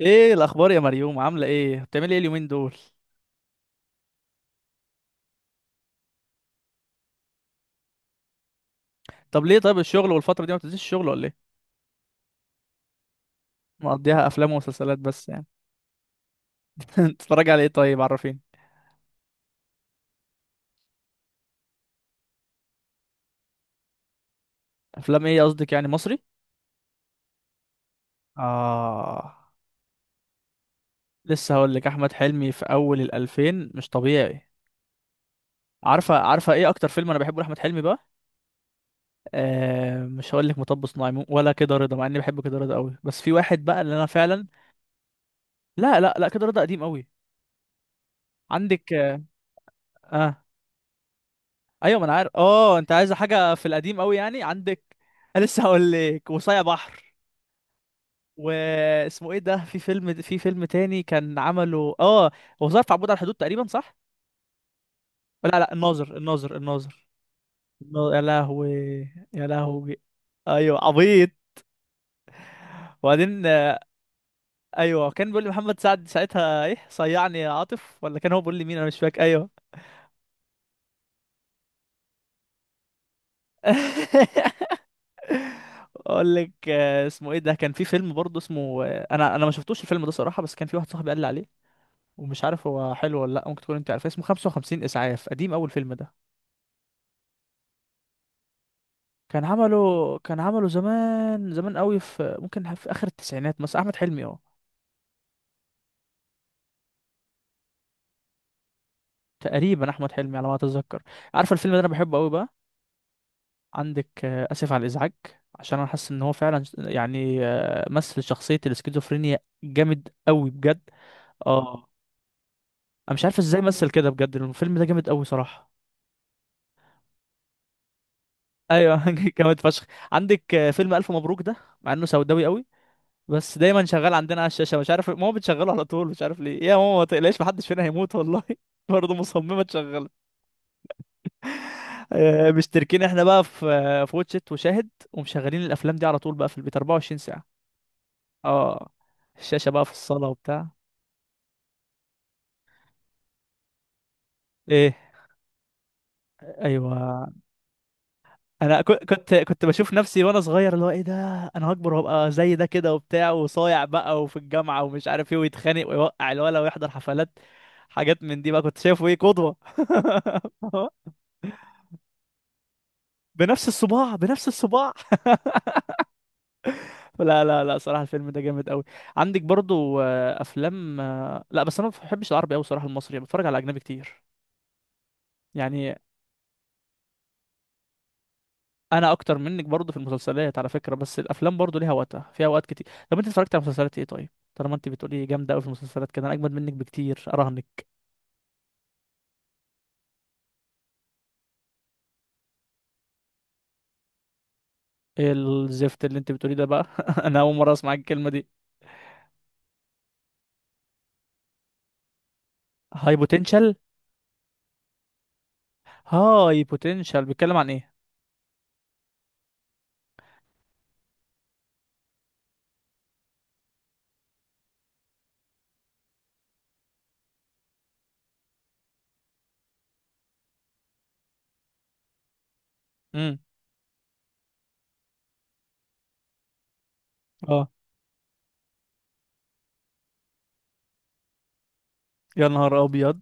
ايه الاخبار يا مريوم؟ عامله ايه؟ بتعملي ايه اليومين دول؟ طب ليه طيب؟ الشغل والفتره دي ما بتنزليش الشغل ولا ايه؟ مقضيها افلام ومسلسلات بس يعني. تتفرجي على ايه طيب؟ عرفيني. افلام ايه؟ قصدك يعني مصري؟ اه. لسه هقول لك احمد حلمي في اول الالفين مش طبيعي. عارفه؟ عارفه ايه اكتر فيلم انا بحبه لاحمد حلمي بقى؟ آه، مش هقول لك مطب صناعي ولا كده رضا، مع اني بحب كده رضا قوي، بس في واحد بقى اللي انا فعلا. لا لا لا، كده رضا قديم قوي. عندك. اه ايوه، ما انا عارف. اه انت عايز حاجه في القديم قوي يعني؟ عندك. انا لسه هقول لك وصايع بحر. واسمه ايه ده؟ في فيلم تاني كان عمله، اه. هو ظرف عبود على الحدود تقريبا، صح؟ لا لا، الناظر الناظر الناظر. يا لهوي. يا لهوي. ايوه، عبيط. وبعدين. ايوه، كان بيقول لي محمد سعد ساعتها: ايه صيعني يا عاطف؟ ولا كان هو بيقول لي مين، انا مش فاكر، ايوه. اقول لك اسمه ايه ده؟ كان في فيلم برضه اسمه، انا ما شفتوش الفيلم ده صراحه، بس كان في واحد صاحبي قال لي عليه. ومش عارف هو حلو ولا لا. ممكن تكون انت عارف اسمه؟ 55 اسعاف، قديم، اول فيلم ده. كان عمله زمان زمان قوي، ممكن في اخر التسعينات مثلا، احمد حلمي، اه. تقريبا احمد حلمي، على ما اتذكر. عارف الفيلم ده انا بحبه قوي بقى؟ عندك اسف على الازعاج. عشان انا حاسس ان هو فعلا يعني مثل شخصية الاسكيزوفرينيا. جامد قوي بجد. اه، انا مش عارف ازاي مثل كده بجد. الفيلم ده جامد قوي صراحة. ايوه، جامد فشخ. عندك فيلم الف مبروك ده. مع انه سوداوي قوي. بس دايما شغال عندنا على الشاشه، مش عارف ماما بتشغله على طول، مش عارف ليه. يا ماما ما تقلقش، محدش فينا هيموت والله. برضه مصممه تشغله. مشتركين احنا بقى في واتشت وشاهد، ومشغلين الافلام دي على طول بقى في البيت 24 ساعه. اه. الشاشه بقى في الصاله وبتاع ايه. ايوه، انا كنت بشوف نفسي وانا صغير، اللي هو ايه ده. انا هكبر وابقى زي ده كده وبتاع، وصايع بقى، وفي الجامعه، ومش عارف ايه، ويتخانق، ويوقع الولا، ويحضر حفلات. حاجات من دي بقى كنت شايفه، ايه، قدوه. بنفس الصباع بنفس الصباع. لا لا لا، صراحة الفيلم ده جامد قوي. عندك برضو افلام، لا، بس انا ما بحبش العربي قوي صراحة، المصري. بتفرج على اجنبي كتير يعني. انا اكتر منك برضو في المسلسلات على فكرة، بس الافلام برضو ليها وقتها فيها وقت كتير. طب انت اتفرجت على مسلسلات ايه طيب، طالما انت بتقولي جامدة قوي في المسلسلات؟ كده انا اجمد منك بكتير، اراهنك. إيه الزفت اللي انت بتقوليه ده بقى؟ انا اول مرة اسمع الكلمة دي. هاي بوتنشال. هاي بوتنشال بيتكلم عن ايه؟ امم. اه. يا نهار ابيض.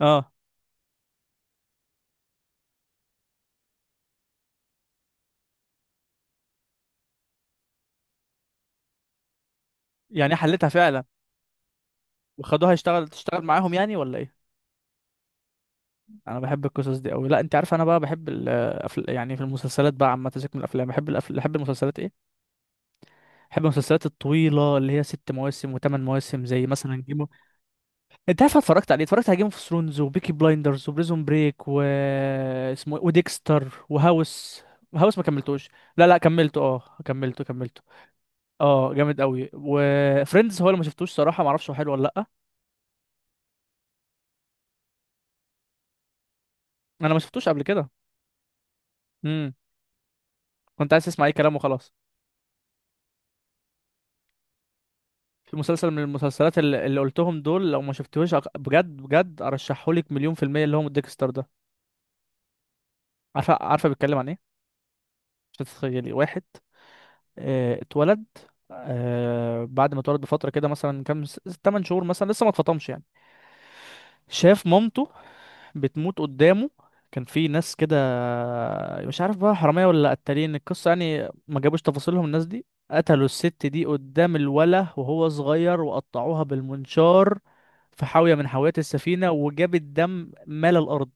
اه. يعني حلتها فعلا؟ وخدوها تشتغل معاهم يعني، ولا ايه؟ انا بحب القصص دي قوي. لا انت عارف، انا بقى بحب يعني في المسلسلات بقى عامه، سيبك من الافلام، بحب بحب المسلسلات، ايه. بحب المسلسلات الطويله اللي هي 6 مواسم و8 مواسم، زي مثلا جيم اوف، انت عارف أنا اتفرجت على جيم اوف ثرونز، وبيكي بلايندرز، وبريزون بريك، و اسمه إيه؟ وديكستر، وهاوس. هاوس ما كملتوش؟ لا لا، كملته، اه كملته. اه، جامد قوي. وفريندز هو اللي ما شفتوش صراحه، ما اعرفش هو حلو ولا لا. انا ما شفتوش قبل كده. امم. كنت عايز اسمع اي كلام وخلاص. في مسلسل من المسلسلات اللي قلتهم دول، لو ما شفتهوش بجد بجد ارشحهولك مليون في المية اللي هو ديكستر ده. عارفة؟ عارفة بيتكلم عن ايه؟ مش هتتخيلي واحد اتولد. بعد ما اتولد بفترة كده مثلا كام، 8 شهور مثلا، لسه ما اتفطمش يعني. شاف مامته بتموت قدامه. كان في ناس كده، مش عارف بقى حرامية ولا قتالين، القصة يعني ما جابوش تفاصيلهم الناس دي. قتلوا الست دي قدام الوله وهو صغير، وقطعوها بالمنشار في حاوية من حاويات السفينة، وجاب الدم مال الأرض.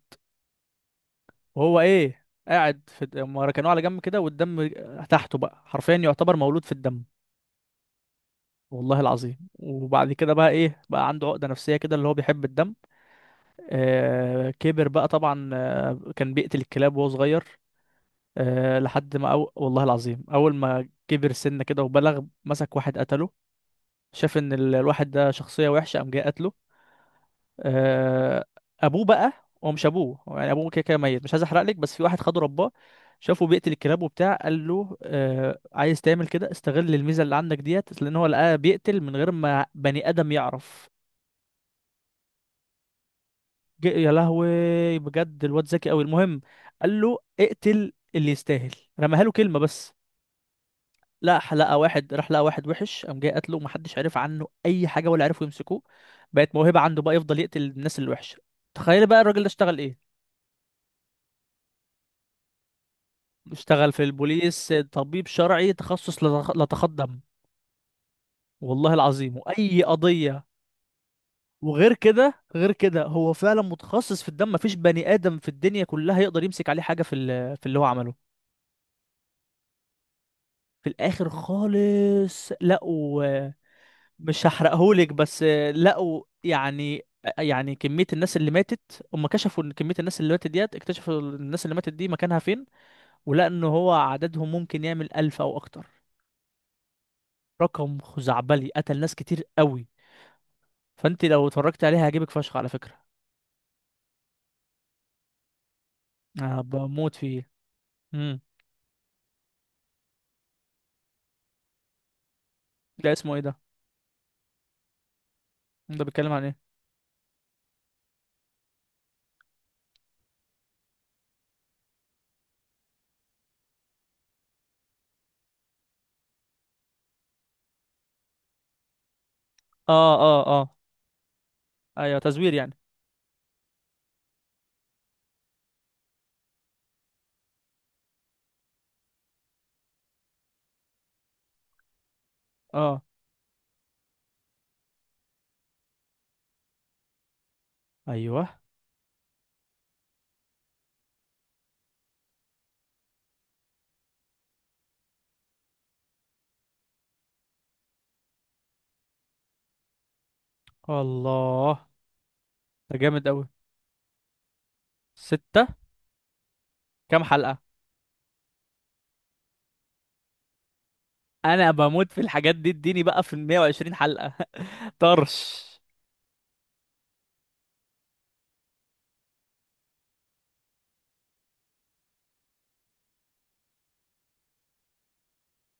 وهو إيه قاعد في هما ركنوه على جنب كده، والدم تحته بقى، حرفيا يعتبر مولود في الدم. والله العظيم. وبعد كده بقى ايه، بقى عنده عقدة نفسية كده اللي هو بيحب الدم. آه كبر بقى طبعا، كان بيقتل الكلاب وهو صغير. أه، لحد ما والله العظيم اول ما كبر سنة كده وبلغ، مسك واحد قتله. شاف ان الواحد ده شخصية وحشة، قام جاي قتله. أه. ابوه بقى. هو مش ابوه، هو يعني ابوه كده كده ميت، مش عايز احرق لك، بس في واحد خده رباه. شافه بيقتل الكلاب وبتاع، قال له: أه عايز تعمل كده، استغل الميزة اللي عندك ديت، لان هو لقاه بيقتل من غير ما بني ادم يعرف. يا لهوي بجد، الواد ذكي قوي. المهم، قال له: اقتل اللي يستاهل. رماها له كلمة بس. لا، حلقة واحد راح لقى واحد وحش، قام جاي قتله ومحدش عرف عنه أي حاجة ولا عرفوا يمسكوه. بقت موهبة عنده بقى، يفضل يقتل الناس الوحشة. تخيل بقى الراجل ده اشتغل ايه؟ اشتغل في البوليس طبيب شرعي، تخصص لتخدم دم. والله العظيم. وأي قضية، وغير كده غير كده، هو فعلا متخصص في الدم، مفيش بني آدم في الدنيا كلها يقدر يمسك عليه حاجة في اللي هو عمله. في الآخر خالص لقوا. مش هحرقهولك بس لقوا يعني، يعني كمية الناس اللي ماتت، هم كشفوا ان كمية الناس اللي ماتت ديت، اكتشفوا الناس اللي ماتت دي مكانها فين. ولقى ان هو عددهم ممكن يعمل 1000 او اكتر. رقم خزعبلي، قتل ناس كتير قوي. فانت لو اتفرجت عليها هيعجبك فشخ على فكرة. انا بموت فيه. امم. ده اسمه ايه ده؟ ده بيتكلم عن ايه؟ اه اه اه. ايوه، تزوير يعني. اه، ايوه، الله، ده جامد قوي. ستة. كام حلقة؟ انا بموت في الحاجات دي، اديني بقى في ال 120 حلقة. طرش.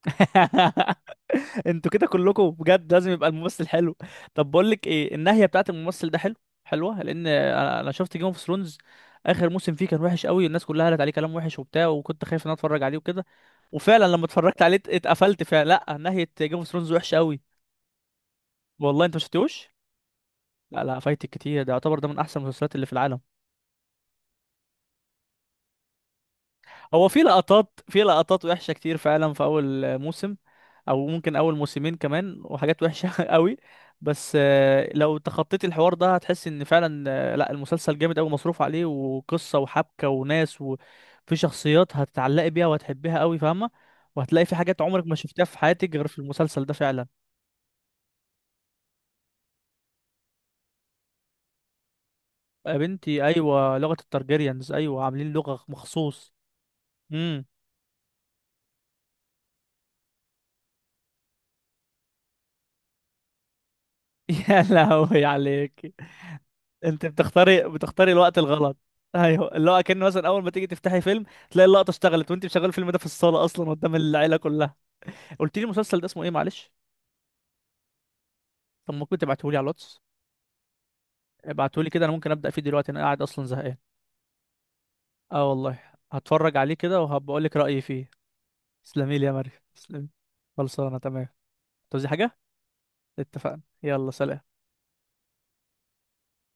انتوا كده كلكم بجد، لازم يبقى الممثل حلو. طب بقول لك ايه، النهاية بتاعت الممثل ده حلو؟ حلوة، لان أنا شفت جيم اوف ثرونز. اخر موسم فيه كان وحش قوي، الناس كلها قالت عليه كلام وحش وبتاع، وكنت خايف ان أنا اتفرج عليه وكده. وفعلا لما اتفرجت عليه اتقفلت فعلا. لا، نهاية جيم اوف ثرونز وحشة قوي. والله انت ما شفتوش؟ لا لا، فايتك كتير، ده يعتبر ده من احسن المسلسلات اللي في العالم. هو في لقطات وحشة كتير فعلا في أول موسم. أو ممكن أول موسمين كمان، وحاجات وحشة قوي. بس لو تخطيت الحوار ده هتحس إن فعلا لا المسلسل جامد أوي، مصروف عليه، وقصة وحبكة وناس، وفي شخصيات هتتعلقي بيها وهتحبيها أوي، فاهمة؟ وهتلاقي في حاجات عمرك ما شفتها في حياتك غير في المسلسل ده فعلا. يا بنتي أيوة، لغة التارجيريانز، أيوة عاملين لغة مخصوص. امم. يا لهوي عليك. انت بتختاري الوقت الغلط. ايوه، اللي هو كان مثلا اول ما تيجي تفتحي فيلم، تلاقي اللقطه اشتغلت وانت مشغل الفيلم ده في الصاله اصلا قدام العيله كلها. قلت لي المسلسل ده اسمه ايه معلش؟ طب ممكن تبعته لي على الواتس؟ ابعته لي كده، انا ممكن ابدا فيه دلوقتي، انا قاعد اصلا زهقان. اه والله. هتفرج عليه كده وهبقول لك رايي فيه. تسلمي لي يا مريم، تسلمي. خلصانه تمام؟ تعوزي حاجه؟ اتفقنا. يلا سلام.